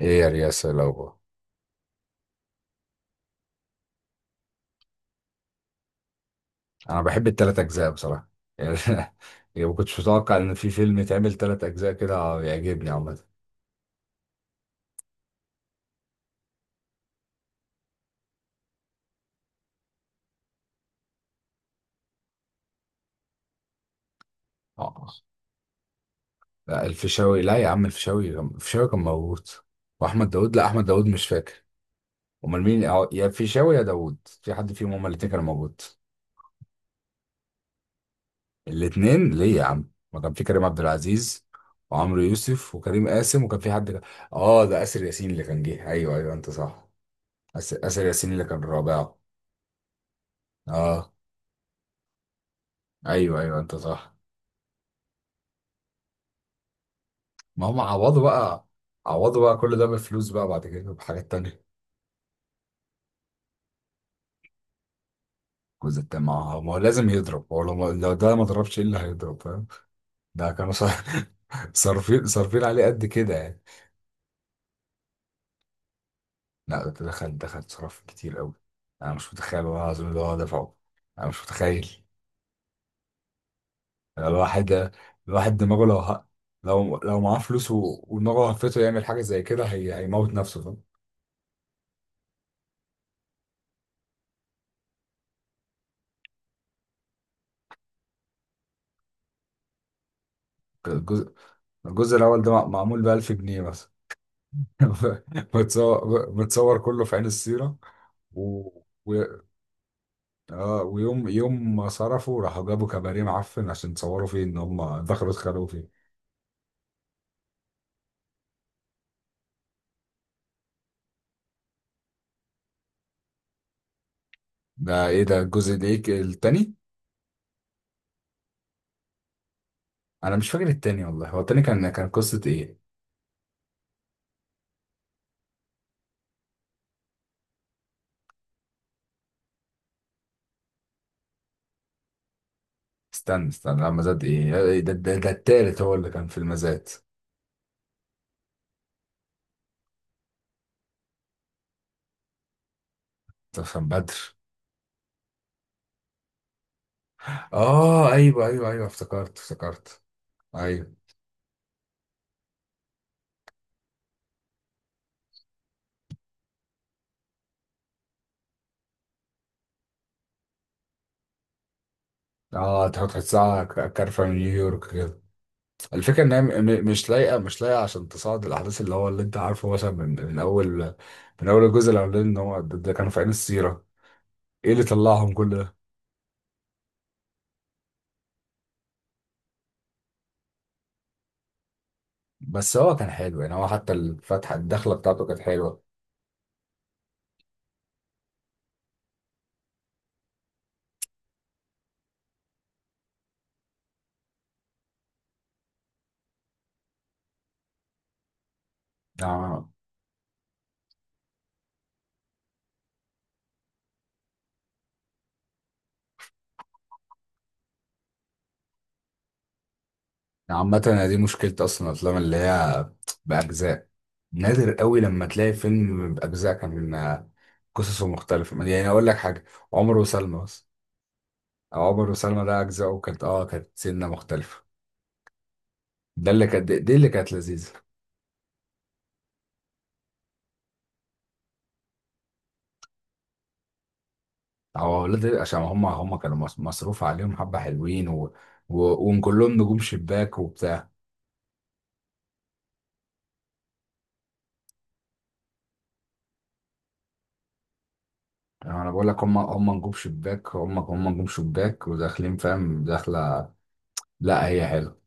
ايه يا رياسة لو. انا بحب التلات اجزاء بصراحة. يعني يعني ما كنتش متوقع ان في فيلم يتعمل تلات اجزاء كده يعجبني عامة. اه، لا الفيشاوي، لا يا عم، الفيشاوي كان موجود، واحمد داوود، لا احمد داوود مش فاكر. امال مين؟ اه، يا الفيشاوي يا داوود. في حد فيهم، هما الاتنين كانوا موجود. الاتنين ليه يا عم، ما كان في كريم عبد العزيز وعمرو يوسف وكريم قاسم، وكان في حد اه، ده اسر ياسين اللي كان جه. ايوه ايوه انت صح. اسر ياسين اللي كان رابعه. اه ايوه ايوه انت صح. ما هم عوضوا بقى، عوضوا بقى كل ده بالفلوس بقى، بعد كده بحاجات تانية. الجزء التاني ما هو لازم يضرب. هو لو ده ما ضربش، ايه اللي هيضرب؟ فاهم؟ ده كانوا صار- صارفين عليه قد كده يعني. لا، ده دخل صرف كتير قوي. انا مش متخيل، والله العظيم، اللي هو دفعه. انا مش متخيل. الواحد الواحد دماغه لو معاه فلوس ودماغه هفته يعمل حاجه زي كده، هيموت نفسه، فاهم؟ الجزء الجزء الاول ده معمول ب 1000 جنيه مثلا. متصور كله في عين السيرة. و... و... ويوم يوم ما صرفوا، راحوا جابوا كباريه معفن عشان تصوروا فيه ان هم دخلوا اتخانقوا فيه. ده ايه ده الجزء ده، ايه التاني؟ انا مش فاكر التاني والله، هو التاني كان قصة ايه؟ استنى استنى، لا مزاد ايه ده, التالت هو اللي كان في المزاد. ده كان بدر. اه ايوه ايوه ايوه، افتكرت افتكرت. ايوه. اه، تحط تحسها كارفة من نيويورك. الفكرة ان هي مش لايقة، مش لايقة عشان تصعد الاحداث اللي هو اللي انت عارفه، مثلا من اول، من اول الجزء الاولاني، ان هو ده كانوا في عين السيرة. ايه اللي طلعهم كل ده؟ بس هو كان حلو يعني، هو حتى الفتحة الدخلة بتاعته كانت حلوة. نعم- عامة أنا دي مشكلة اصلا، الافلام اللي هي باجزاء. نادر قوي لما تلاقي فيلم باجزاء كان قصصه مختلفة. يعني اقول لك حاجة، عمر وسلمى بس، او عمر وسلمى ده، اجزاؤه كانت كانت سنة مختلفة. ده اللي كانت، دي اللي كانت لذيذة. هو اولاد، عشان هم كانوا مصروف عليهم حبه، حلوين و... وكلهم نجوم شباك وبتاع. يعني انا بقول لك، هم نجوم شباك، هم نجوم شباك وداخلين، فاهم، داخله. لا هي حلوه.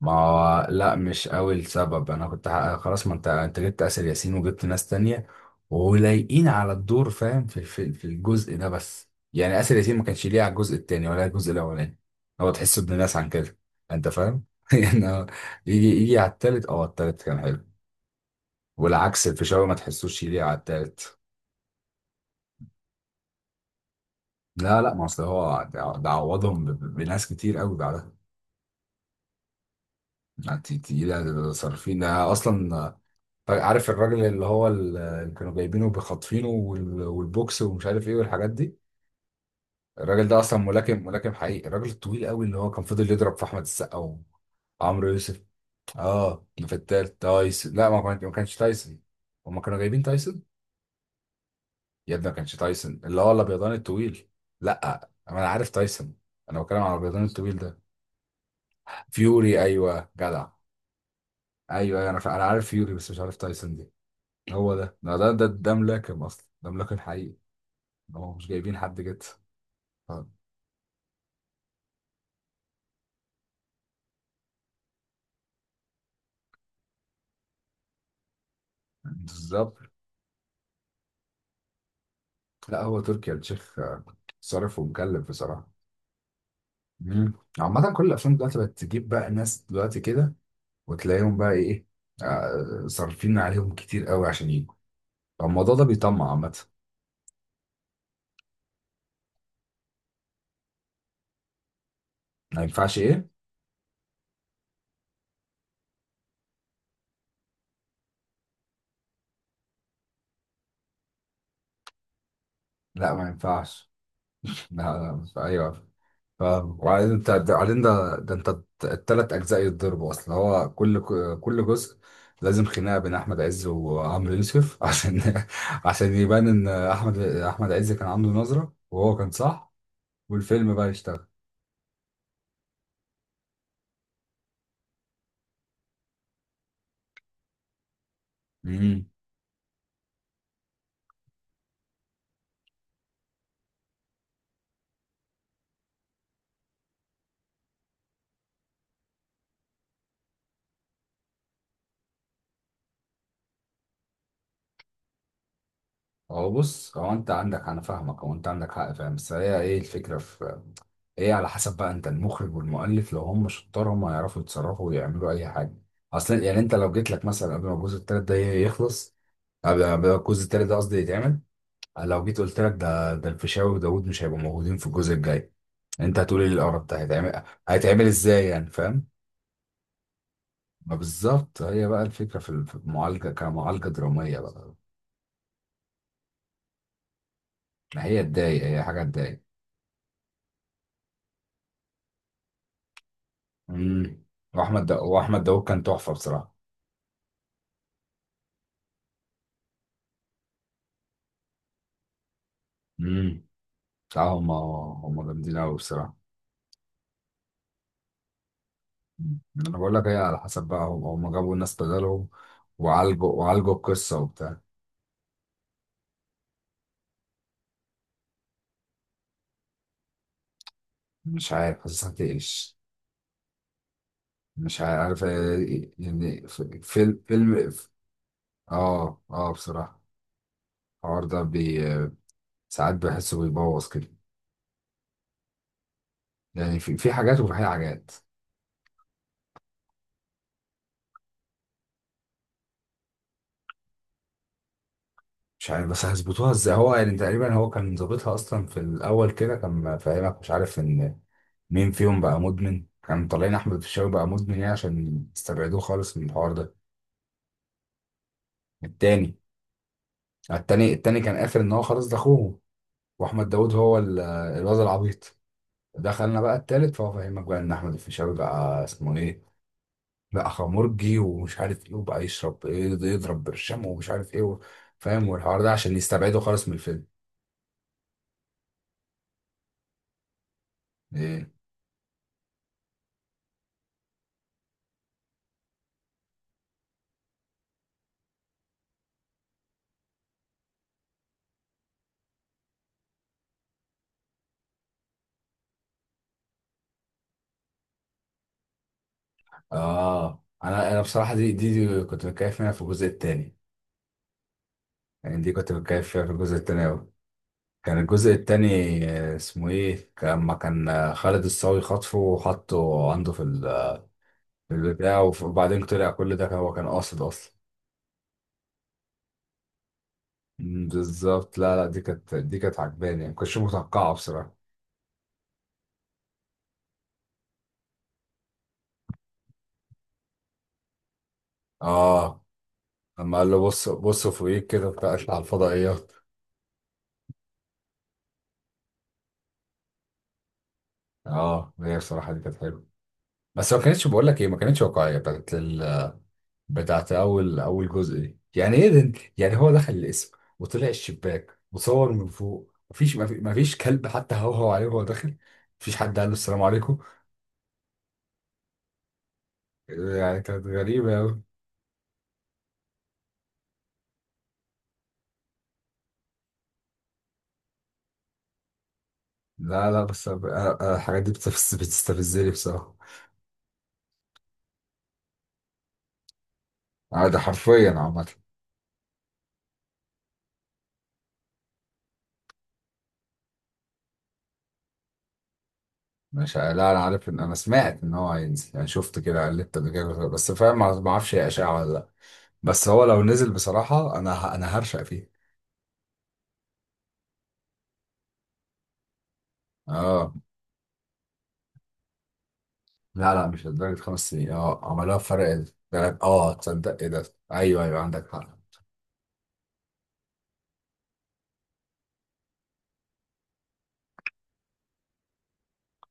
ما هو لا، مش قوي السبب. انا كنت خلاص، ما انت جبت اسر ياسين وجبت ناس تانية ولايقين على الدور، فاهم، في في الجزء ده. بس يعني اسر ياسين ما كانش ليه على الجزء التاني ولا الجزء الاولاني. هو تحسه ابن ناس عن كده. انت فاهم. يعني هو يجي يجي على التالت، اه التالت كان حلو. والعكس الفيشاوي ما تحسوش ليه على التالت. لا لا، ما اصل هو ده عوضهم بناس كتير قوي بعدها. يعني تقيلة صارفين ده اصلا. طيب، عارف الراجل اللي هو اللي كانوا جايبينه بخاطفينه، والبوكس ومش عارف ايه والحاجات دي؟ الراجل ده اصلا ملاكم، ملاكم حقيقي، الراجل الطويل قوي اللي هو كان فضل يضرب في احمد السقا وعمرو يوسف. اه، اللي في التالت تايسون؟ لا ما كانش تايسون. هما كانوا جايبين تايسون. يا ابني ما كانش تايسون، اللي هو الابيضاني الطويل. لا انا عارف تايسون، انا بتكلم على الابيضاني الطويل ده. فيوري، ايوه جدع. ايوه أيوه، انا عارف فيوري، بس مش عارف تايسون دي. هو ده ملاكم اصلا، ده ملاكم حقيقي. هو مش جايبين حد جد. آه، بالظبط. لا هو تركي آل الشيخ. صارف ومكلف بصراحه. مم. عامه كل الافلام دلوقتي بقت تجيب بقى ناس دلوقتي كده، وتلاقيهم بقى ايه، صارفين عليهم كتير قوي عشان يجوا. فالموضوع ده بيطمع عامه. ما ينفعش ايه؟ لا ما ينفعش. لا لا ايوه فاهم. وبعدين انت بعدين ده انت التلات اجزاء يتضربوا، اصل هو كل جزء لازم خناقه بين احمد عز وعمرو يوسف عشان، عشان يبان ان احمد عز كان عنده نظره وهو كان صح، والفيلم بقى يشتغل. امم. هو بص، هو انت عندك، انا فاهمك، هو انت عندك حق فاهم، بس هي ايه الفكره؟ ايه على حسب بقى انت المخرج والمؤلف. لو هم شطار هم هيعرفوا يتصرفوا ويعملوا اي حاجه اصلا. يعني انت لو جيت لك مثلا قبل ما الجزء التالت ده يخلص، قبل ما الجزء التالت ده قصدي يتعمل، لو جيت قلت لك ده الفيشاوي وداوود مش هيبقوا موجودين في الجزء الجاي، انت هتقول ايه القرف ده هيتعمل، هيتعمل ازاي يعني، فاهم؟ ما بالظبط، هي بقى الفكره في في المعالجه كمعالجه دراميه بقى. ما هي تضايق، هي حاجه تضايق. امم. واحمد داوود كان تحفه بصراحه. امم. بصراحه هم جامدين قوي بصراحه. انا بقول لك، هي على حسب بقى هم جابوا ناس بدلهم وعالجوا القصه وبتاع. مش عارف، حاسسها تقلش. مش عارف إيه، يعني فيلم. اه اه بصراحه. الحوار ده بي ساعات بحسه بيبوظ كده. يعني في حاجات وفي حاجات. مش عارف بس هيظبطوها ازاي. هو يعني تقريبا هو كان ظابطها اصلا في الاول كده، كان فاهمك، مش عارف ان مين فيهم بقى مدمن. كان طالعين احمد الفيشاوي بقى مدمن، يعني عشان يستبعدوه خالص من الحوار ده. التاني. التاني كان قافل ان هو خلاص ده اخوه، واحمد داوود هو الواد العبيط. دخلنا بقى التالت، فهو فاهمك بقى ان احمد الفيشاوي بقى اسمه ايه، بقى خمرجي ومش عارف ايه، وبقى يشرب ايه ده، يضرب برشام ومش عارف ايه فاهم، والحوار ده عشان يستبعده خالص من الفيلم. ايه. اه انا بصراحه دي كنت متكيف منها في الجزء التاني. يعني دي كنت متكيف فيها في الجزء التاني أوي. كان الجزء التاني، اسمه ايه، لما كان خالد الصاوي خطفه وحطه عنده في البتاع، وبعدين طلع كل ده هو كان قاصد اصلا. مم، بالظبط. لا لا، دي كانت، دي كانت عجباني يعني، ما كنتش متوقعه بصراحه. اه لما قال له بص بص فوقيك كده بتاع، اطلع على الفضائيات. اه، هي بصراحه دي كانت حلوه. بس ما كانتش، بقول لك ايه، ما كانتش واقعيه بتاعت اول جزء دي، يعني ايه ده؟ يعني هو دخل القسم وطلع الشباك وصور من فوق، مفيش كلب حتى هوهو عليه وهو داخل، مفيش حد قال له السلام عليكم. يعني كانت غريبه قوي. لا لا بس أنا الحاجات دي بتستفزني بصراحة. آه، ده حرفيا عامة. مش ع- لا انا عارف ان انا سمعت ان هو هينزل، يعني شفت كده قلبت قبل كده، بس فاهم ما اعرفش هي اشاعة ولا لا. بس هو لو نزل بصراحة انا هرشق فيه. اه لا لا، مش لدرجة 5 سنين. اه عملوها بفرق تلات. اه، تصدق ايه ده. ايوه ايوه عندك حق.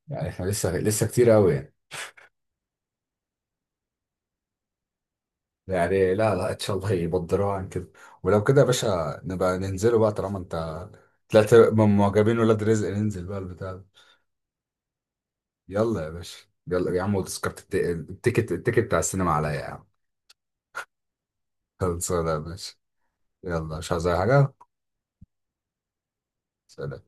يعني احنا لسه، لسه كتير قوي. يعني لا لا، ان شاء الله يبدروها عن كده. ولو كده يا باشا نبقى ننزله بقى، طالما انت طلعت من معجبين ولاد رزق، ننزل بقى البتاع ده. يلا يا باشا، يلا يا عم، وتذكرة التيكت بتاع السينما عليا يا عم. خلصانة يا باشا. يلا مش عايز أي حاجة. سلام.